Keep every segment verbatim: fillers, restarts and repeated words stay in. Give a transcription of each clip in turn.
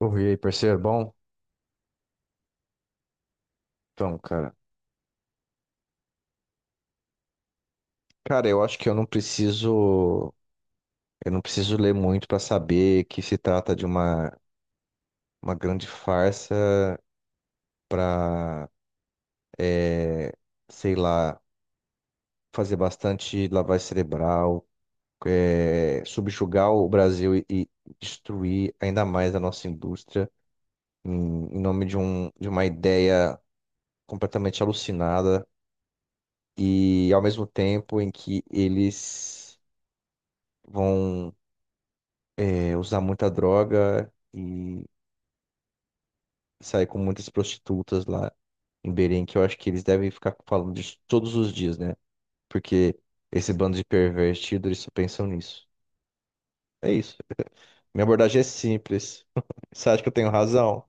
Ouvi aí, parceiro, bom? Então, cara. Cara, eu acho que eu não preciso. Eu não preciso ler muito pra saber que se trata de uma, uma grande farsa pra, é, sei lá, fazer bastante lavagem cerebral, é, subjugar o Brasil e, e destruir ainda mais a nossa indústria em, em nome de, um, de uma ideia completamente alucinada e ao mesmo tempo em que eles vão é, usar muita droga e sair com muitas prostitutas lá em Belém, que eu acho que eles devem ficar falando disso todos os dias, né? Porque esse bando de pervertido, eles só pensam nisso. É isso. Minha abordagem é simples. Você acha que eu tenho razão?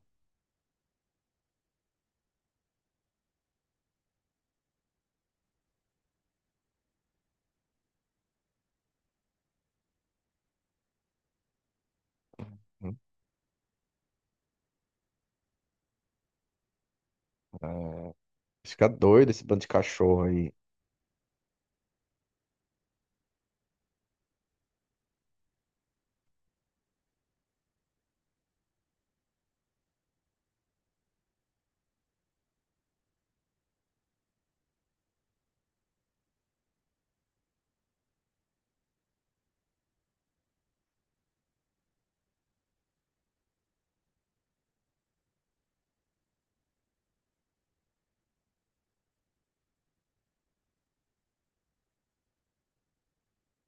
É, fica doido esse bando de cachorro aí.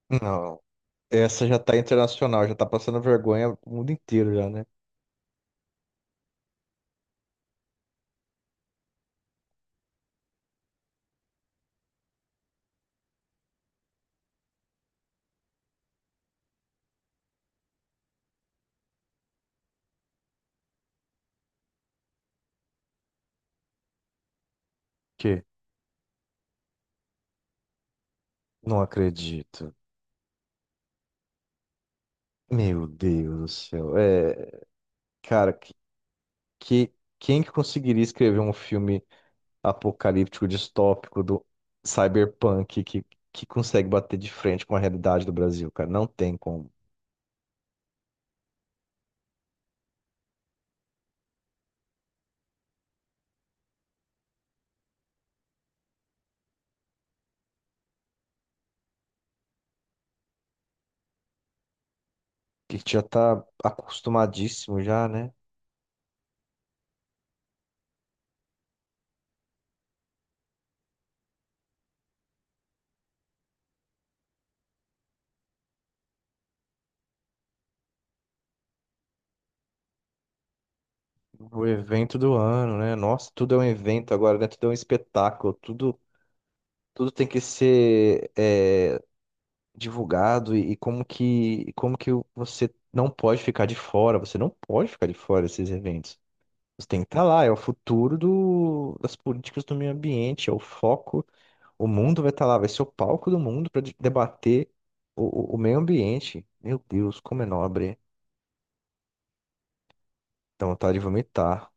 Não. Essa já tá internacional, já tá passando vergonha o mundo inteiro já, né? Que? Não acredito. Meu Deus do céu. É, cara, que quem que conseguiria escrever um filme apocalíptico, distópico do cyberpunk que, que consegue bater de frente com a realidade do Brasil, cara? Não tem como. A gente já tá acostumadíssimo já, né? O evento do ano, né? Nossa, tudo é um evento agora, né? Tudo é um espetáculo, tudo, tudo tem que ser é, divulgado e, e como que, e como que você não pode ficar de fora, você não pode ficar de fora desses eventos. Você tem que estar lá, é o futuro do- das políticas do meio ambiente, é o foco. O mundo vai estar lá, vai ser o palco do mundo para debater o, o- o meio ambiente. Meu Deus, como é nobre. Dá vontade de vomitar.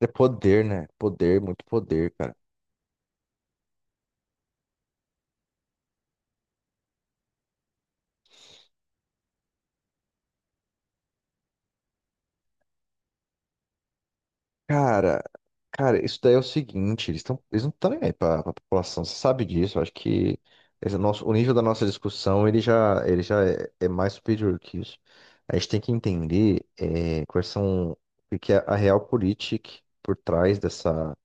É poder, né? Poder, muito poder, cara. Cara, cara, isso daí é o seguinte, eles estão, eles não estão nem aí para a população, você sabe disso, eu acho que esse nosso, o nível da nossa discussão, ele já, ele já é, é mais superior que isso. A gente tem que entender é, quais são, o que é a real política por trás dessa,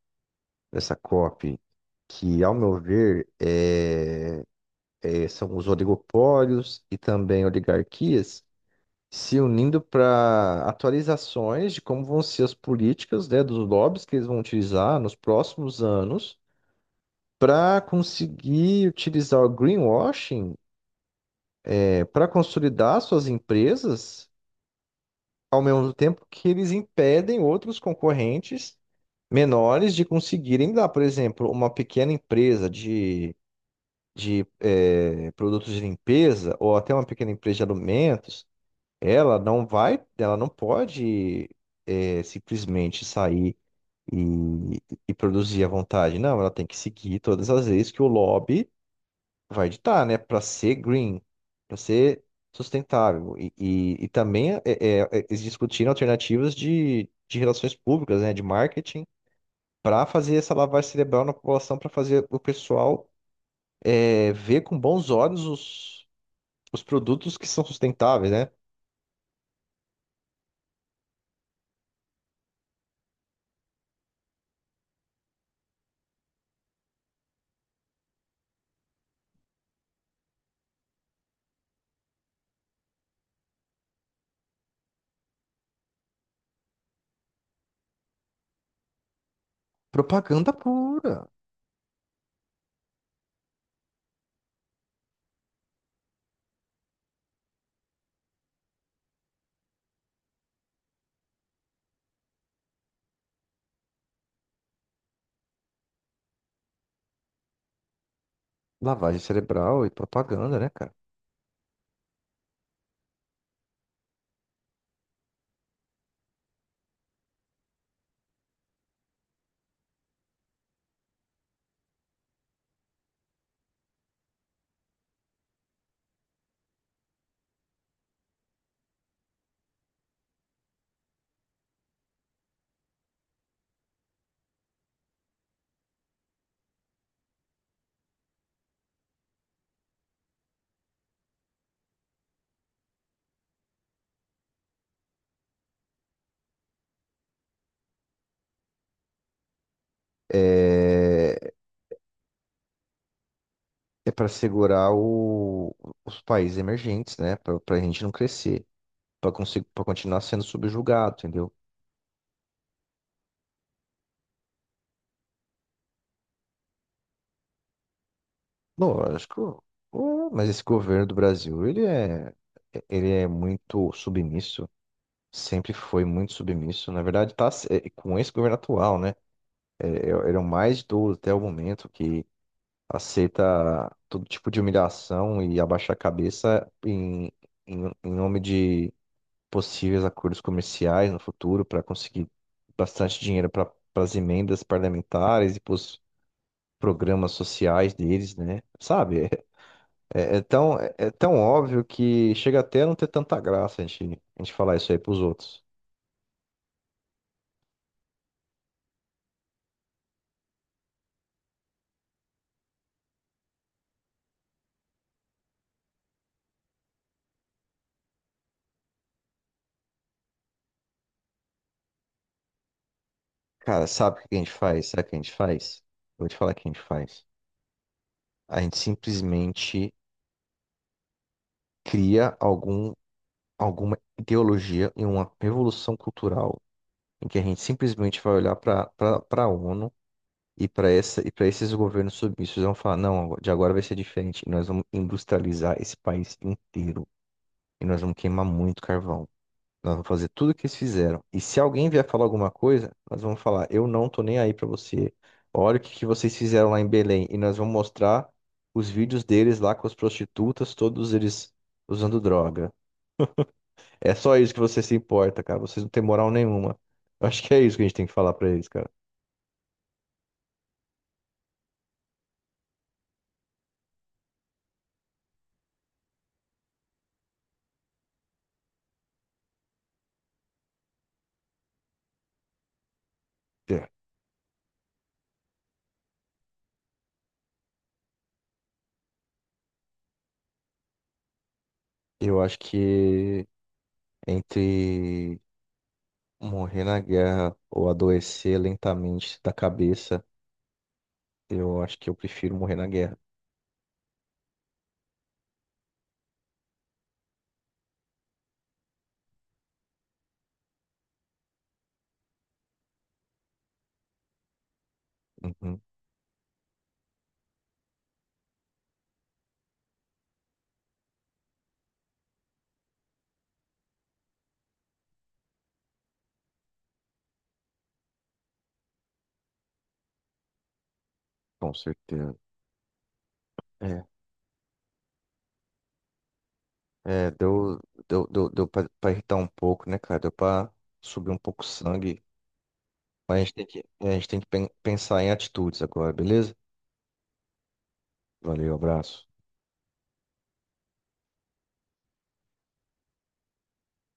dessa COP, que, ao meu ver, é, é, são os oligopólios e também oligarquias se unindo para atualizações de como vão ser as políticas, né, dos lobbies que eles vão utilizar nos próximos anos para conseguir utilizar o greenwashing, para consolidar suas empresas, ao mesmo tempo que eles impedem outros concorrentes menores de conseguirem dar, por exemplo, uma pequena empresa de, de eh, produtos de limpeza ou até uma pequena empresa de alimentos. Ela não vai, ela não pode é, simplesmente sair e, e produzir à vontade. Não, ela tem que seguir todas as leis que o lobby vai ditar, né? Para ser green, para ser sustentável. E, e, e também é, é, é, eles discutiram alternativas de, de relações públicas, né? De marketing, para fazer essa lavagem cerebral na população, para fazer o pessoal é, ver com bons olhos os, os produtos que são sustentáveis, né? Propaganda pura. Lavagem cerebral e propaganda, né, cara? É, é para segurar o- os países emergentes, né? Pra, pra gente não crescer, pra, conseguir, pra continuar sendo subjugado, entendeu? Lógico. Ué, mas esse governo do Brasil, ele é, ele é muito submisso, sempre foi muito submisso. Na verdade, tá, se- é, com esse governo atual, né? É, é- eram mais doze até o momento, que aceita todo tipo de humilhação e abaixa a cabeça em, em, em nome de possíveis acordos comerciais no futuro para conseguir bastante dinheiro para as emendas parlamentares e para os programas sociais deles, né? Sabe? É, é é tão, é, é tão óbvio que chega até a não ter tanta graça a gente, a gente falar isso aí para os outros. Cara, sabe o que a gente faz? Sabe o que a gente faz? Eu vou te falar o que a gente faz. A gente simplesmente cria algum alguma ideologia e uma revolução cultural em que a gente simplesmente vai olhar para para a O N U e para essa e para esses governos submissos e vão falar, não, de agora vai ser diferente, e nós vamos industrializar esse país inteiro e nós vamos queimar muito carvão. Nós vamos fazer tudo o que eles fizeram. E se alguém vier falar alguma coisa, nós vamos falar, eu não tô nem aí para você. Olha o que que vocês fizeram lá em Belém e nós vamos mostrar os vídeos deles lá com as prostitutas, todos eles usando droga. É só isso que você se importa, cara. Vocês não têm moral nenhuma. Eu acho que é isso que a gente tem que falar pra eles, cara. É. Eu acho que entre morrer na guerra ou adoecer lentamente da cabeça, eu acho que eu prefiro morrer na guerra. Uhum, com certeza. É, é, deu, deu, deu, deu pra, pra irritar um pouco, né, cara? Deu pra subir um pouco o sangue. Mas a gente tem que, a gente tem que pen- pensar em atitudes agora, beleza? Valeu, abraço.